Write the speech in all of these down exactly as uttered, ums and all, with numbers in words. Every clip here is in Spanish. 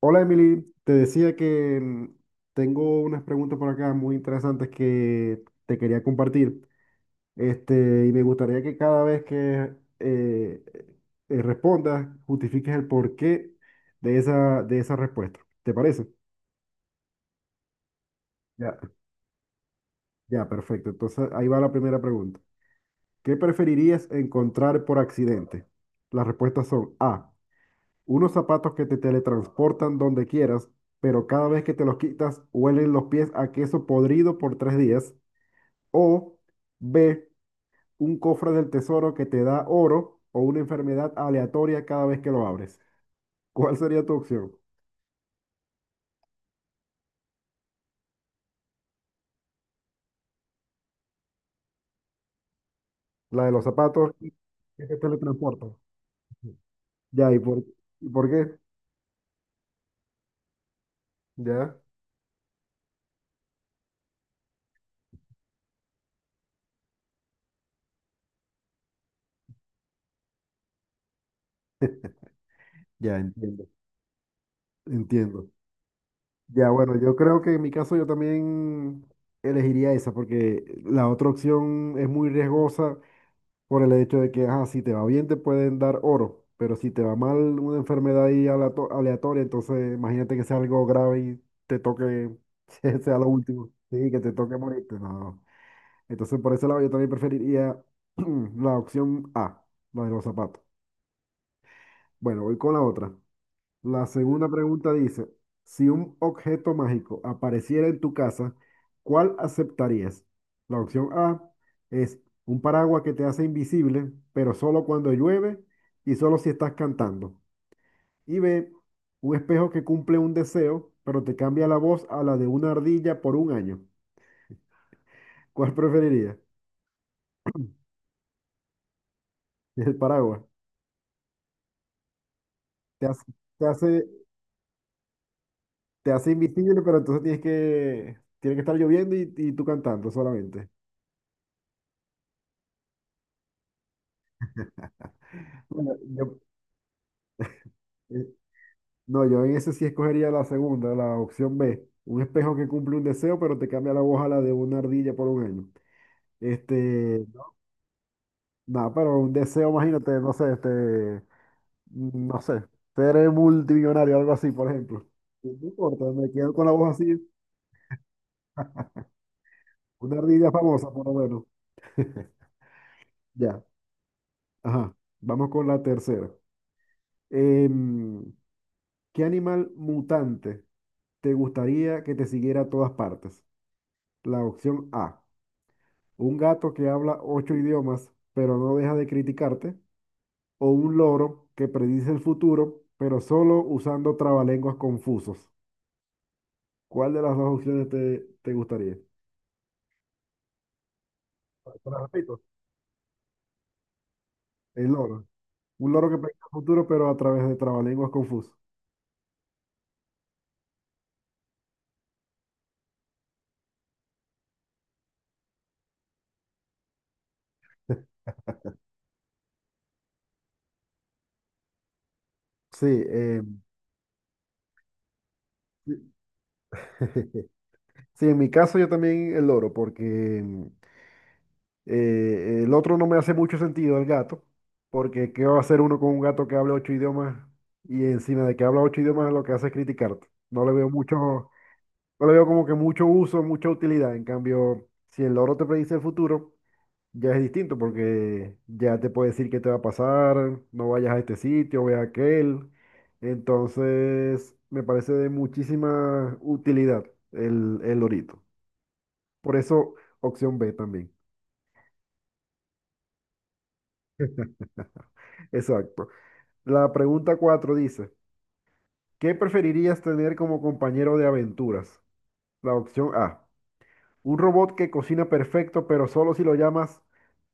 Hola Emily, te decía que mm, tengo unas preguntas por acá muy interesantes que te quería compartir. Este, y me gustaría que cada vez que eh, eh, respondas, justifiques el porqué de esa, de esa respuesta. ¿Te parece? Ya. Ya, perfecto. Entonces ahí va la primera pregunta. ¿Qué preferirías encontrar por accidente? Las respuestas son A, unos zapatos que te teletransportan donde quieras, pero cada vez que te los quitas, huelen los pies a queso podrido por tres días. O B, un cofre del tesoro que te da oro o una enfermedad aleatoria cada vez que lo abres. ¿Cuál sería tu opción? La de los zapatos que te teletransportan. Ya, ¿y por, y por qué? Ya, ya entiendo, entiendo. Ya, bueno, yo creo que en mi caso yo también elegiría esa porque la otra opción es muy riesgosa por el hecho de que, ajá, si te va bien te pueden dar oro, pero si te va mal una enfermedad ahí aleato- aleatoria, entonces imagínate que sea algo grave y te toque, que sea lo último, sí, que te toque morirte. No, no, no. Entonces por ese lado yo también preferiría la opción A, la de los zapatos. Bueno, voy con la otra. La segunda pregunta dice, si un objeto mágico apareciera en tu casa, ¿cuál aceptarías? La opción A es un paraguas que te hace invisible, pero solo cuando llueve y solo si estás cantando. Y B, un espejo que cumple un deseo, pero te cambia la voz a la de una ardilla por un año. ¿Cuál preferirías? El paraguas. Te hace, te hace, te hace invisible, pero entonces tienes que, tiene que estar lloviendo y, y tú cantando solamente. Bueno, yo, eh, no, yo en ese sí escogería la segunda, la opción B. Un espejo que cumple un deseo, pero te cambia la voz a la de una ardilla por un año. Este, nada, pero un deseo, imagínate, no sé, este, no sé, ser multimillonario, algo así, por ejemplo. No importa, me quedo con la voz así, una ardilla famosa, por lo menos. Ya, ajá. Vamos con la tercera. Em, ¿qué animal mutante te gustaría que te siguiera a todas partes? La opción A, un gato que habla ocho idiomas, pero no deja de criticarte, o un loro que predice el futuro, pero solo usando trabalenguas confusos. ¿Cuál de las dos opciones te, te gustaría? Te las repito. El loro. Un loro que predice el futuro, pero a través de trabalenguas confusos. Sí, eh, sí, en mi caso yo también el loro, porque mm, Eh, el otro no me hace mucho sentido, el gato, porque ¿qué va a hacer uno con un gato que habla ocho idiomas y encima de que habla ocho idiomas lo que hace es criticarte? No le veo mucho, no le veo como que mucho uso, mucha utilidad. En cambio, si el loro te predice el futuro, ya es distinto porque ya te puede decir qué te va a pasar, no vayas a este sitio, ve a aquel. Entonces, me parece de muchísima utilidad el, el lorito. Por eso, opción B también. Exacto. La pregunta cuatro dice, ¿qué preferirías tener como compañero de aventuras? La opción A, un robot que cocina perfecto, pero solo si lo llamas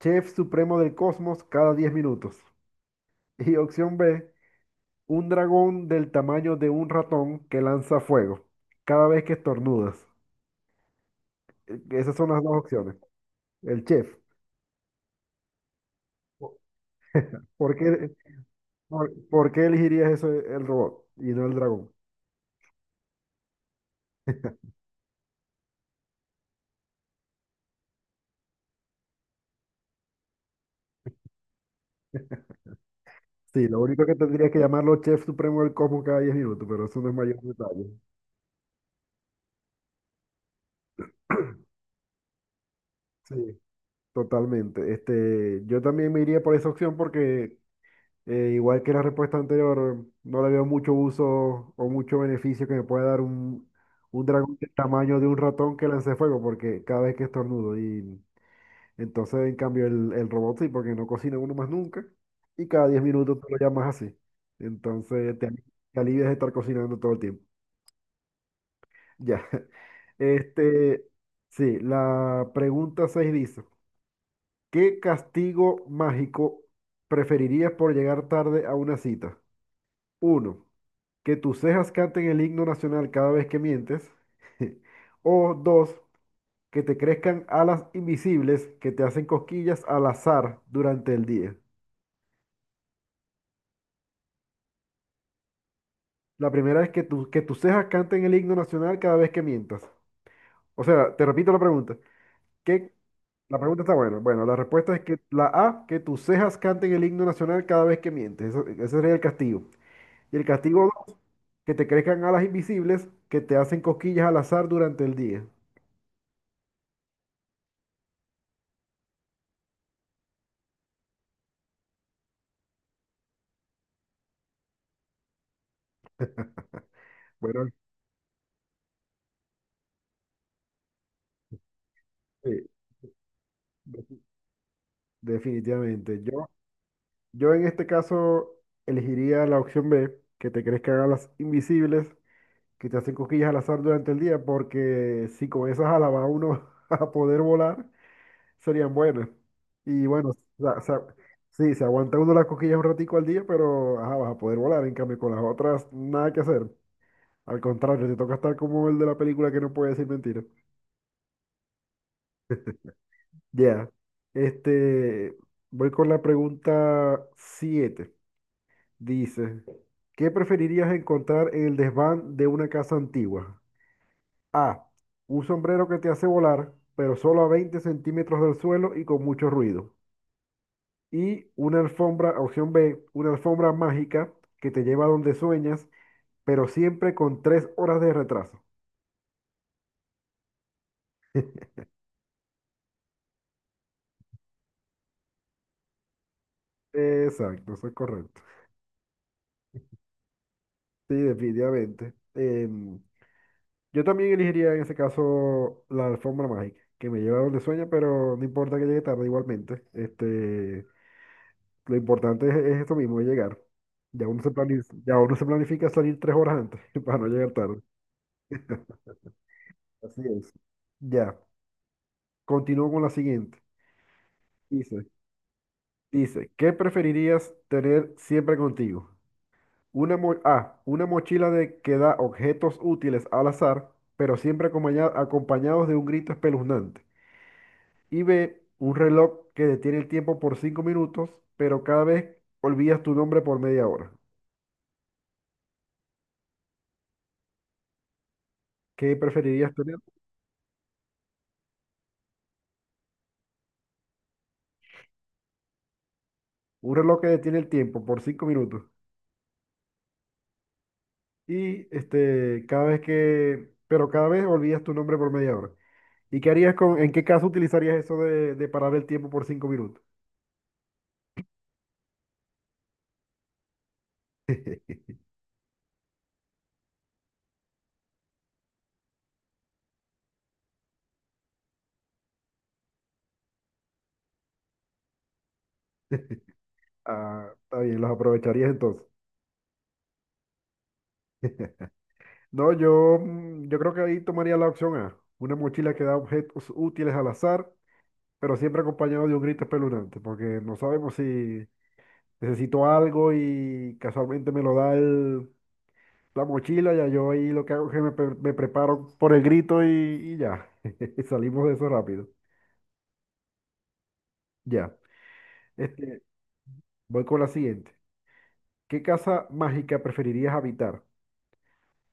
Chef Supremo del Cosmos cada diez minutos. Y opción B, un dragón del tamaño de un ratón que lanza fuego cada vez que estornudas. Eh, Esas son las dos opciones. El chef. Po- ¿Por qué, por, por qué elegirías eso, el robot y no el dragón? Sí, lo único que tendrías que llamarlo Chef Supremo del Cosmos cada diez minutos, pero eso no es mayor detalle. Sí, totalmente. Este, yo también me iría por esa opción porque eh, igual que la respuesta anterior, no le veo mucho uso o mucho beneficio que me pueda dar un, un dragón del tamaño de un ratón que lance fuego porque cada vez que estornudo. Y entonces, en cambio, el, el robot sí, porque no cocina uno más nunca y cada diez minutos tú lo llamas así. Entonces, te, ali- te alivias de estar cocinando todo el tiempo. Ya. Este, sí, la pregunta seis dice. ¿Qué castigo mágico preferirías por llegar tarde a una cita? Uno, que tus cejas canten el himno nacional cada vez que mientes. O dos, que te crezcan alas invisibles que te hacen cosquillas al azar durante el día. La primera es que, tu- que tus cejas canten el himno nacional cada vez que mientas. O sea, te repito la pregunta. ¿Qué? La pregunta está buena. Bueno, la respuesta es que la A, que tus cejas canten el himno nacional cada vez que mientes. Eso- ese sería el castigo. Y el castigo dos, que te crezcan alas invisibles que te hacen cosquillas al azar durante el día. Bueno, sí, de- definitivamente. Yo, yo en este caso elegiría la opción B, que te crezcan alas invisibles que te hacen cosquillas al azar durante el día, porque si con esas alas va uno a poder volar, serían buenas. Y bueno, o sea, se a- sí, se aguanta uno las cosquillas un ratico al día, pero ajá, vas a poder volar. En cambio, con las otras, nada que hacer. Al contrario, te toca estar como el de la película que no puede decir mentiras. Ya. Este, voy con la pregunta siete. Dice, ¿qué preferirías encontrar en el desván de una casa antigua? A, un sombrero que te hace volar, pero solo a veinte centímetros del suelo y con mucho ruido. Y una alfombra, opción B, una alfombra mágica que te lleva a donde sueñas, pero siempre con tres horas de retraso. Exacto, eso es correcto. Sí, definitivamente. Em, yo también elegiría en ese caso la alfombra mágica, que me lleva a donde sueña, pero no importa que llegue tarde igualmente. Este, lo importante es, es eso mismo, es llegar. Ya uno se planifica, ya uno se planifica salir tres horas antes para no llegar tarde. Así es. Ya, continúo con la siguiente. Dice, dice, ¿qué preferirías tener siempre contigo? Una mo- A, una mochila de que da objetos útiles al azar, pero siempre acompaña- acompañados de un grito espeluznante. Y ve un reloj que detiene el tiempo por cinco minutos, pero cada vez olvidas tu nombre por media hora. ¿Qué preferirías tener? Un reloj que detiene el tiempo por cinco minutos y este, cada vez que, pero cada vez olvidas tu nombre por media hora. ¿Y qué harías con, en qué caso utilizarías eso de, de parar el tiempo por cinco minutos? Ah, está bien, los aprovecharías entonces. No, yo, mm, yo creo que ahí tomaría la opción A, una mochila que da objetos útiles al azar, pero siempre acompañado de un grito espeluznante, porque no sabemos si necesito algo y casualmente me lo da el- la mochila. Ya yo ahí lo que hago es que me, pre- me preparo por el grito y, y ya, salimos de eso rápido. Ya, este, voy con la siguiente. ¿Qué casa mágica preferirías habitar?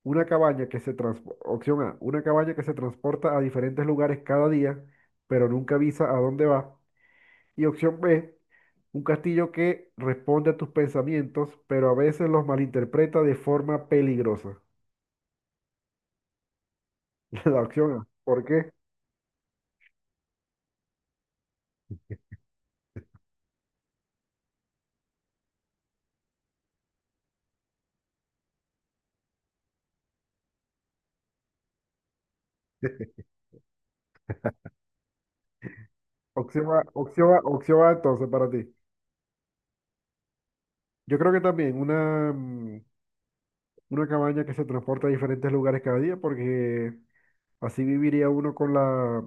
Una cabaña que se transporta, opción A, una cabaña que se transporta a diferentes lugares cada día, pero nunca avisa a dónde va. Y opción B, un castillo que responde a tus pensamientos, pero a veces los malinterpreta de forma peligrosa. La opción A. ¿Por qué? Opción A, opción A, opción A entonces para ti. Yo creo que también una, mm, una cabaña que se transporta a diferentes lugares cada día, porque así viviría uno con la,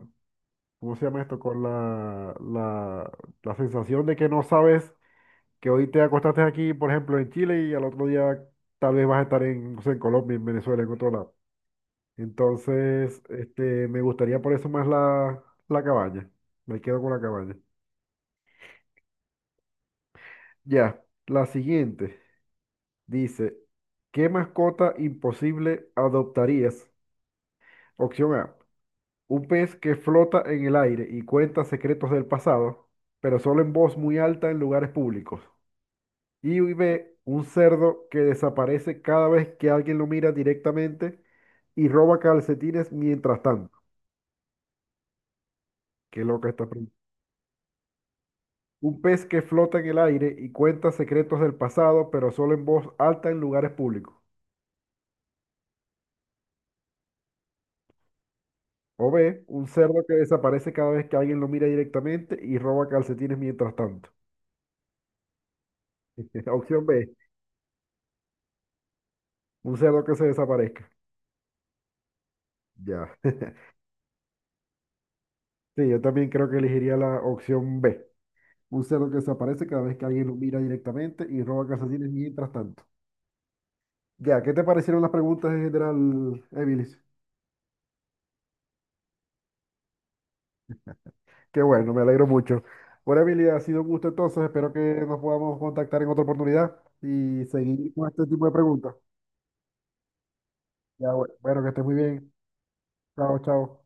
¿cómo se llama esto? Con la, la, la sensación de que no sabes que hoy te acostaste aquí, por ejemplo, en Chile y al otro día tal vez vas a estar en, no sé, en Colombia, en Venezuela, en otro lado. Entonces, este, me gustaría por eso más la, la cabaña. Me quedo con la cabaña. Ya, la siguiente dice, ¿qué mascota imposible adoptarías? Opción A, un pez que flota en el aire y cuenta secretos del pasado, pero solo en voz muy alta en lugares públicos. Y B, un cerdo que desaparece cada vez que alguien lo mira directamente y roba calcetines mientras tanto. Qué loca esta. Un pez que flota en el aire y cuenta secretos del pasado, pero solo en voz alta en lugares públicos. O B, un cerdo que desaparece cada vez que alguien lo mira directamente y roba calcetines mientras tanto. Opción B, un cerdo que se desaparezca. Ya. Sí, yo también creo que elegiría la opción B. Un cerdo que desaparece cada vez que alguien lo mira directamente y roba calcetines mientras tanto. Ya, ¿qué te parecieron las preguntas en general, Emilis? Qué bueno, me alegro mucho. Bueno, Emilia, ha sido un gusto entonces. Espero que nos podamos contactar en otra oportunidad y seguir con este tipo de preguntas. Ya, bueno, bueno, que estés muy bien. Chao, chao.